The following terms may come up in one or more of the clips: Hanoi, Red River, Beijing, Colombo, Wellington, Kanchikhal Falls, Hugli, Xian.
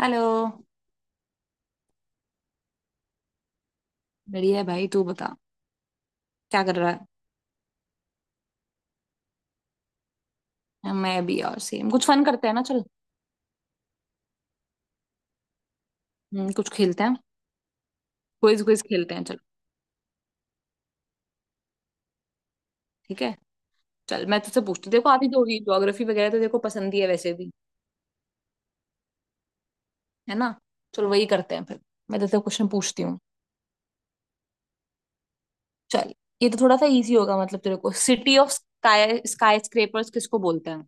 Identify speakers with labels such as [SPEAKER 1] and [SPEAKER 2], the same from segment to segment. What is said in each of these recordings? [SPEAKER 1] Hello. बढ़िया है भाई, तू बता क्या कर रहा है। मैं भी, और सेम कुछ फन करते हैं ना, चल। कुछ खेलते हैं। क्विज क्विज खेलते हैं, चल। ठीक है, चल मैं तुझसे पूछती हूँ। देखो, आती तो होगी ज्योग्राफी वगैरह, तो देखो पसंद ही है वैसे भी, है ना। चल वही करते हैं फिर, मैं तुझसे क्वेश्चन पूछती हूँ। चल, ये तो थोड़ा सा इजी होगा। मतलब तेरे को city of sky skyscrapers किसको बोलते हैं।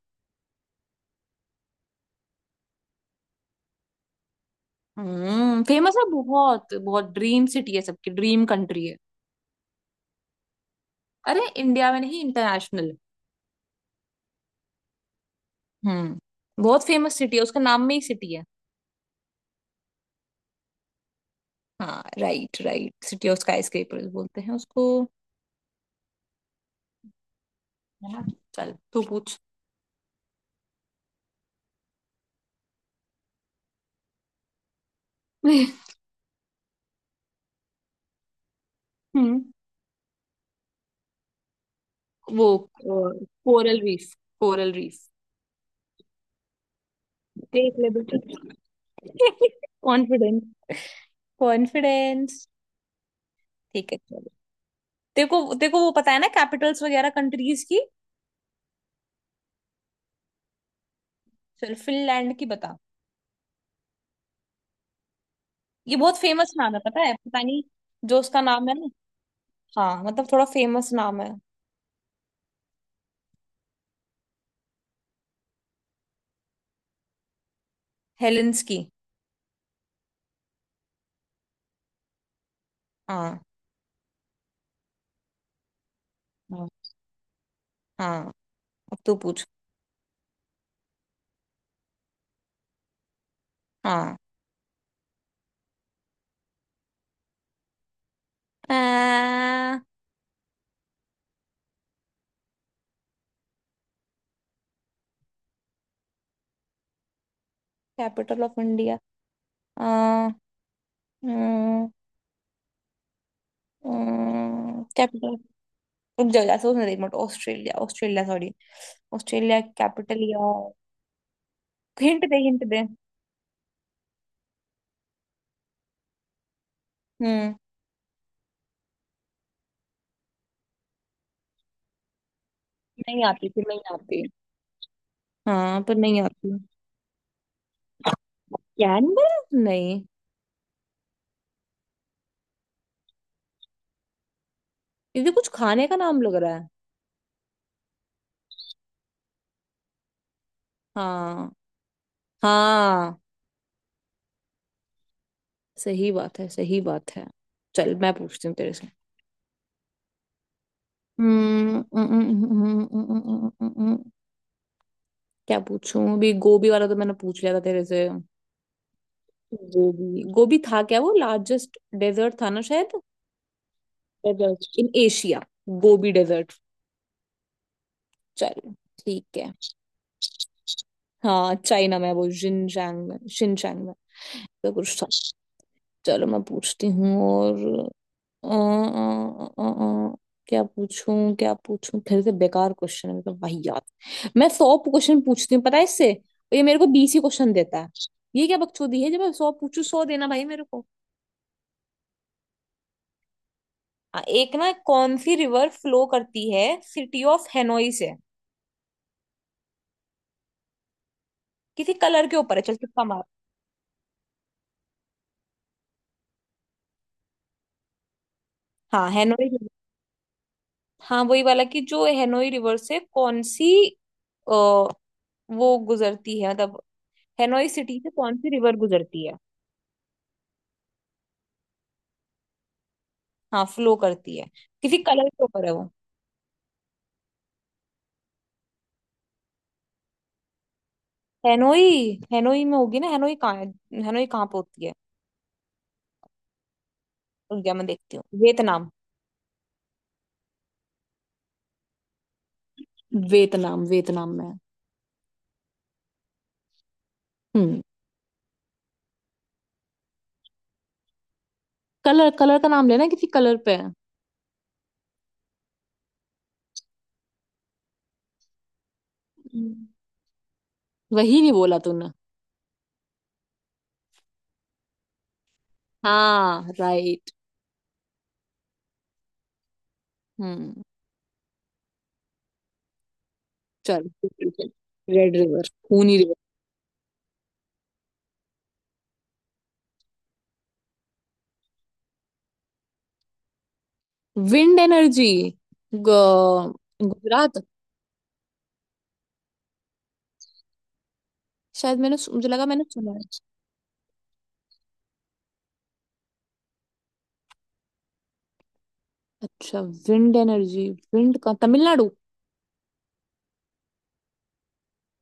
[SPEAKER 1] फेमस है बहुत बहुत, ड्रीम सिटी है, सबकी ड्रीम कंट्री है। अरे इंडिया में नहीं, इंटरनेशनल। बहुत फेमस सिटी है, उसका नाम में ही सिटी है। हाँ right right, city of sky skyscrapers हैं उसको, है ना। चल तू पूछ। हम्म वो कोरल रीफ, कोरल रीफ। देख ले बेटा। Confidence confidence. ठीक है, चलो। तेरे को वो पता है ना, कैपिटल्स वगैरह कंट्रीज की। चल फिनलैंड की बता। ये बहुत फेमस नाम है, पता है पता नहीं। जो उसका नाम है ना, हाँ मतलब थोड़ा फेमस नाम है। हेलेंस की। हाँ हाँ हाँ, अब तू पूछ। हाँ। Capital of India? कैपिटल, रुक जाओ यार सोचने दे मत। Australia Australia, sorry. Australia capital या। हिंट दे, हिंट दे। हम्म नहीं आती, फिर नहीं आती। हाँ पर नहीं आती। कैनबरा? नहीं। क्योंकि कुछ खाने का नाम लग रहा है। हाँ। हाँ सही बात है, सही बात है। चल मैं पूछती हूँ तेरे से। हम्म, हम्म, हम्म, हम्म, हम्म, हम्म, हम्म, हम्म, हम्म, क्या पूछूं? अभी गोभी वाला तो मैंने पूछ लिया था तेरे से। गोबी, गोबी था क्या वो? लार्जेस्ट डेजर्ट था ना शायद। Desert in Asia, Gobi desert. चलो, ठीक है। हाँ चाइना में, वो जिनचैंग में, शिनचैंग में तो कुछ था। चलो मैं पूछती हूँ और। अ, अ, अ, अ, अ, क्या पूछूं क्या पूछूं? फिर से बेकार क्वेश्चन है, मतलब वही याद। मैं 100 क्वेश्चन पूछती हूँ पता है इससे, और ये मेरे को 20 ही क्वेश्चन देता है। ये क्या बकचोदी है, जब मैं 100 पूछू, 100 देना भाई मेरे को। एक ना, कौन सी रिवर फ्लो करती है सिटी ऑफ हेनोई से? किसी कलर के ऊपर है, चल तुक्का मार। हाँ, हेनोई river। हाँ वही वाला, कि जो हेनोई रिवर से कौन सी अ, वो गुजरती है, मतलब हेनोई सिटी से कौन सी रिवर गुजरती है। हाँ फ्लो करती है। किसी कलर के ऊपर है वो। हेनोई। हेनोई में होगी ना, हेनोई कहाँ है? हेनोई कहाँ पे होती है? रुक जा, मैं देखती हूँ। वियतनाम, वियतनाम, वियतनाम में है। हम्म। कलर, कलर का नाम लेना, किसी कलर पे है। हम्म। वही नहीं बोला तूने? हाँ राइट। हम्म। चल, रेड रिवर, खूनी रिवर। Wind energy, Gujarat. शायद मैंने मुझे लगा मैंने सुना है। अच्छा, विंड एनर्जी, विंड का तमिलनाडु।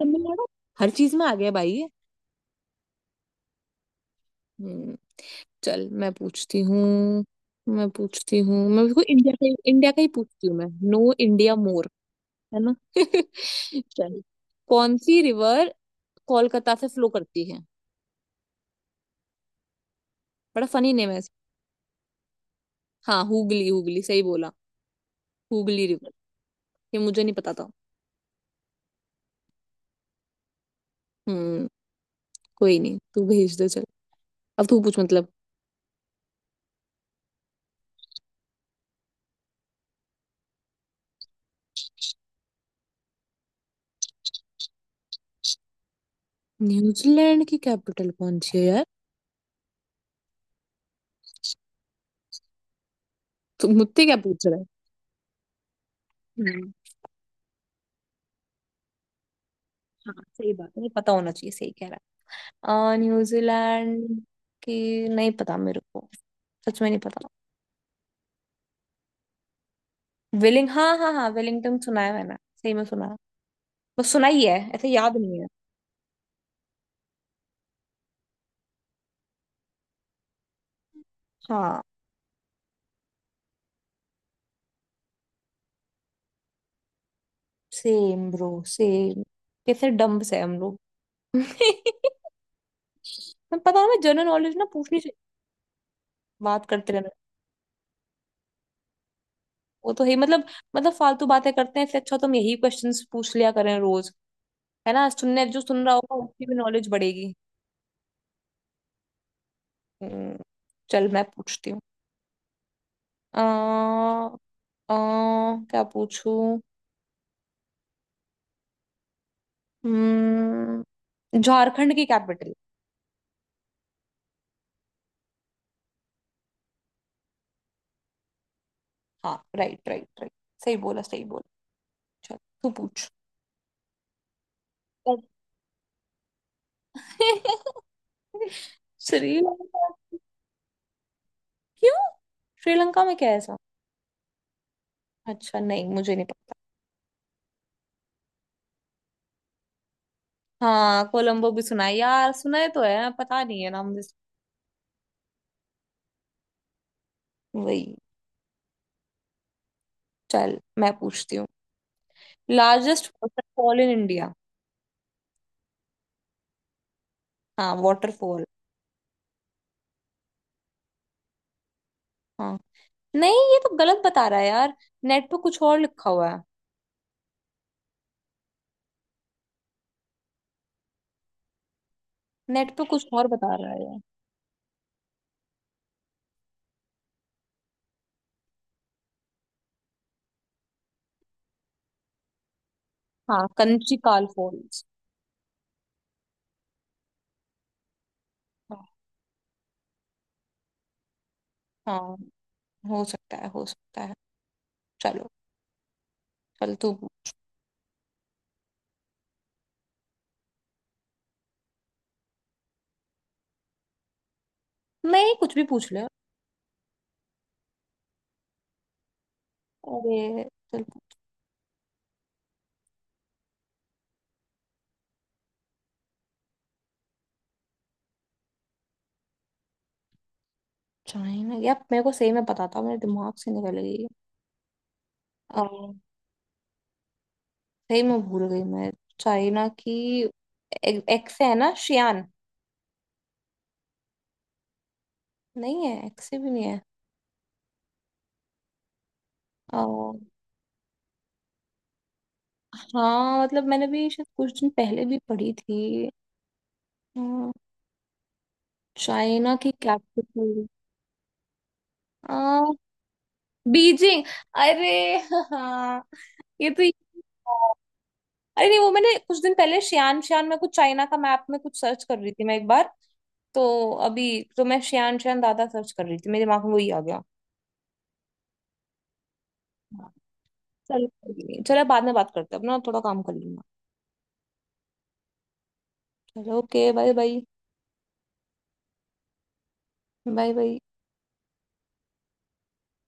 [SPEAKER 1] तमिलनाडु हर चीज में आ गया भाई ये। हम्म। चल, मैं पूछती हूँ मैं बिल्कुल इंडिया का ही पूछती हूँ, मैं नो इंडिया मोर। है ना। चल, कौन सी रिवर कोलकाता से फ्लो करती है? बड़ा फनी नेम है। हाँ, हुगली हुगली सही बोला, हुगली रिवर। ये मुझे नहीं पता था। हम्म। कोई नहीं, तू भेज दे, चल। अब तू पूछ मतलब। न्यूजीलैंड की कैपिटल कौन सी है यार? तू मुझसे क्या पूछ रहा है। हम्म। हाँ सही बात है, ये पता होना चाहिए, सही कह रहा है। न्यूजीलैंड की नहीं पता मेरे को, सच में नहीं पता। वेलिंग हाँ हाँ हाँ, वेलिंगटन सुना है, मैंने सही में सुना है। बस सुना ही है, ऐसे याद नहीं है। हाँ, सेम ब्रो, सेम। कैसे डम्ब से हम लोग। मैं पता है, हमें जनरल नॉलेज ना पूछनी चाहिए, बात करते रहना। वो तो है ही, मतलब फालतू बातें करते हैं, इससे अच्छा तुम यही क्वेश्चंस पूछ लिया करें रोज, है ना। सुनने जो सुन रहा होगा उसकी भी नॉलेज बढ़ेगी। हम्म, चल मैं पूछती हूँ। आ, आ, क्या पूछूं? झारखंड की कैपिटल। हाँ राइट राइट राइट, सही बोला सही बोला। चल तू पूछ। श्रीलंका? क्यों, श्रीलंका में क्या है ऐसा? अच्छा, नहीं मुझे नहीं। हाँ कोलंबो भी सुना है यार, सुना है तो है, पता नहीं है नाम। वही। चल मैं पूछती हूँ। Largest waterfall in India. हाँ वाटरफॉल। हाँ। नहीं ये तो गलत बता रहा है यार, नेट पे कुछ और लिखा हुआ है। नेट पे कुछ और बता रहा है ये। हाँ, कंचिकाल फॉल्स। हाँ, हाँ, हो सकता है, हो सकता है। चलो। चल तू पूछ। नहीं, कुछ भी पूछ ले। अरे, चल। चाइना, यार मेरे को सही में पता था, मेरे दिमाग से निकल गई, सही में भूल गई मैं। चाइना की एक से है ना, शियान। नहीं है, एक से भी नहीं है। आ, हाँ मतलब मैंने भी शायद कुछ दिन पहले भी पढ़ी थी। अ, चाइना की कैपिटल। आ, बीजिंग। अरे, हाँ। ये तो, अरे नहीं वो मैंने कुछ दिन पहले शियान, शियान में कुछ चाइना का मैप में कुछ सर्च कर रही थी मैं एक बार। तो अभी तो मैं शियान शियान दादा सर्च कर रही थी, मेरे दिमाग में वही आ गया। चल, चलो बाद में बात करते हैं, अपना थोड़ा काम कर लेंगे। चलो okay, bye bye. Bye bye.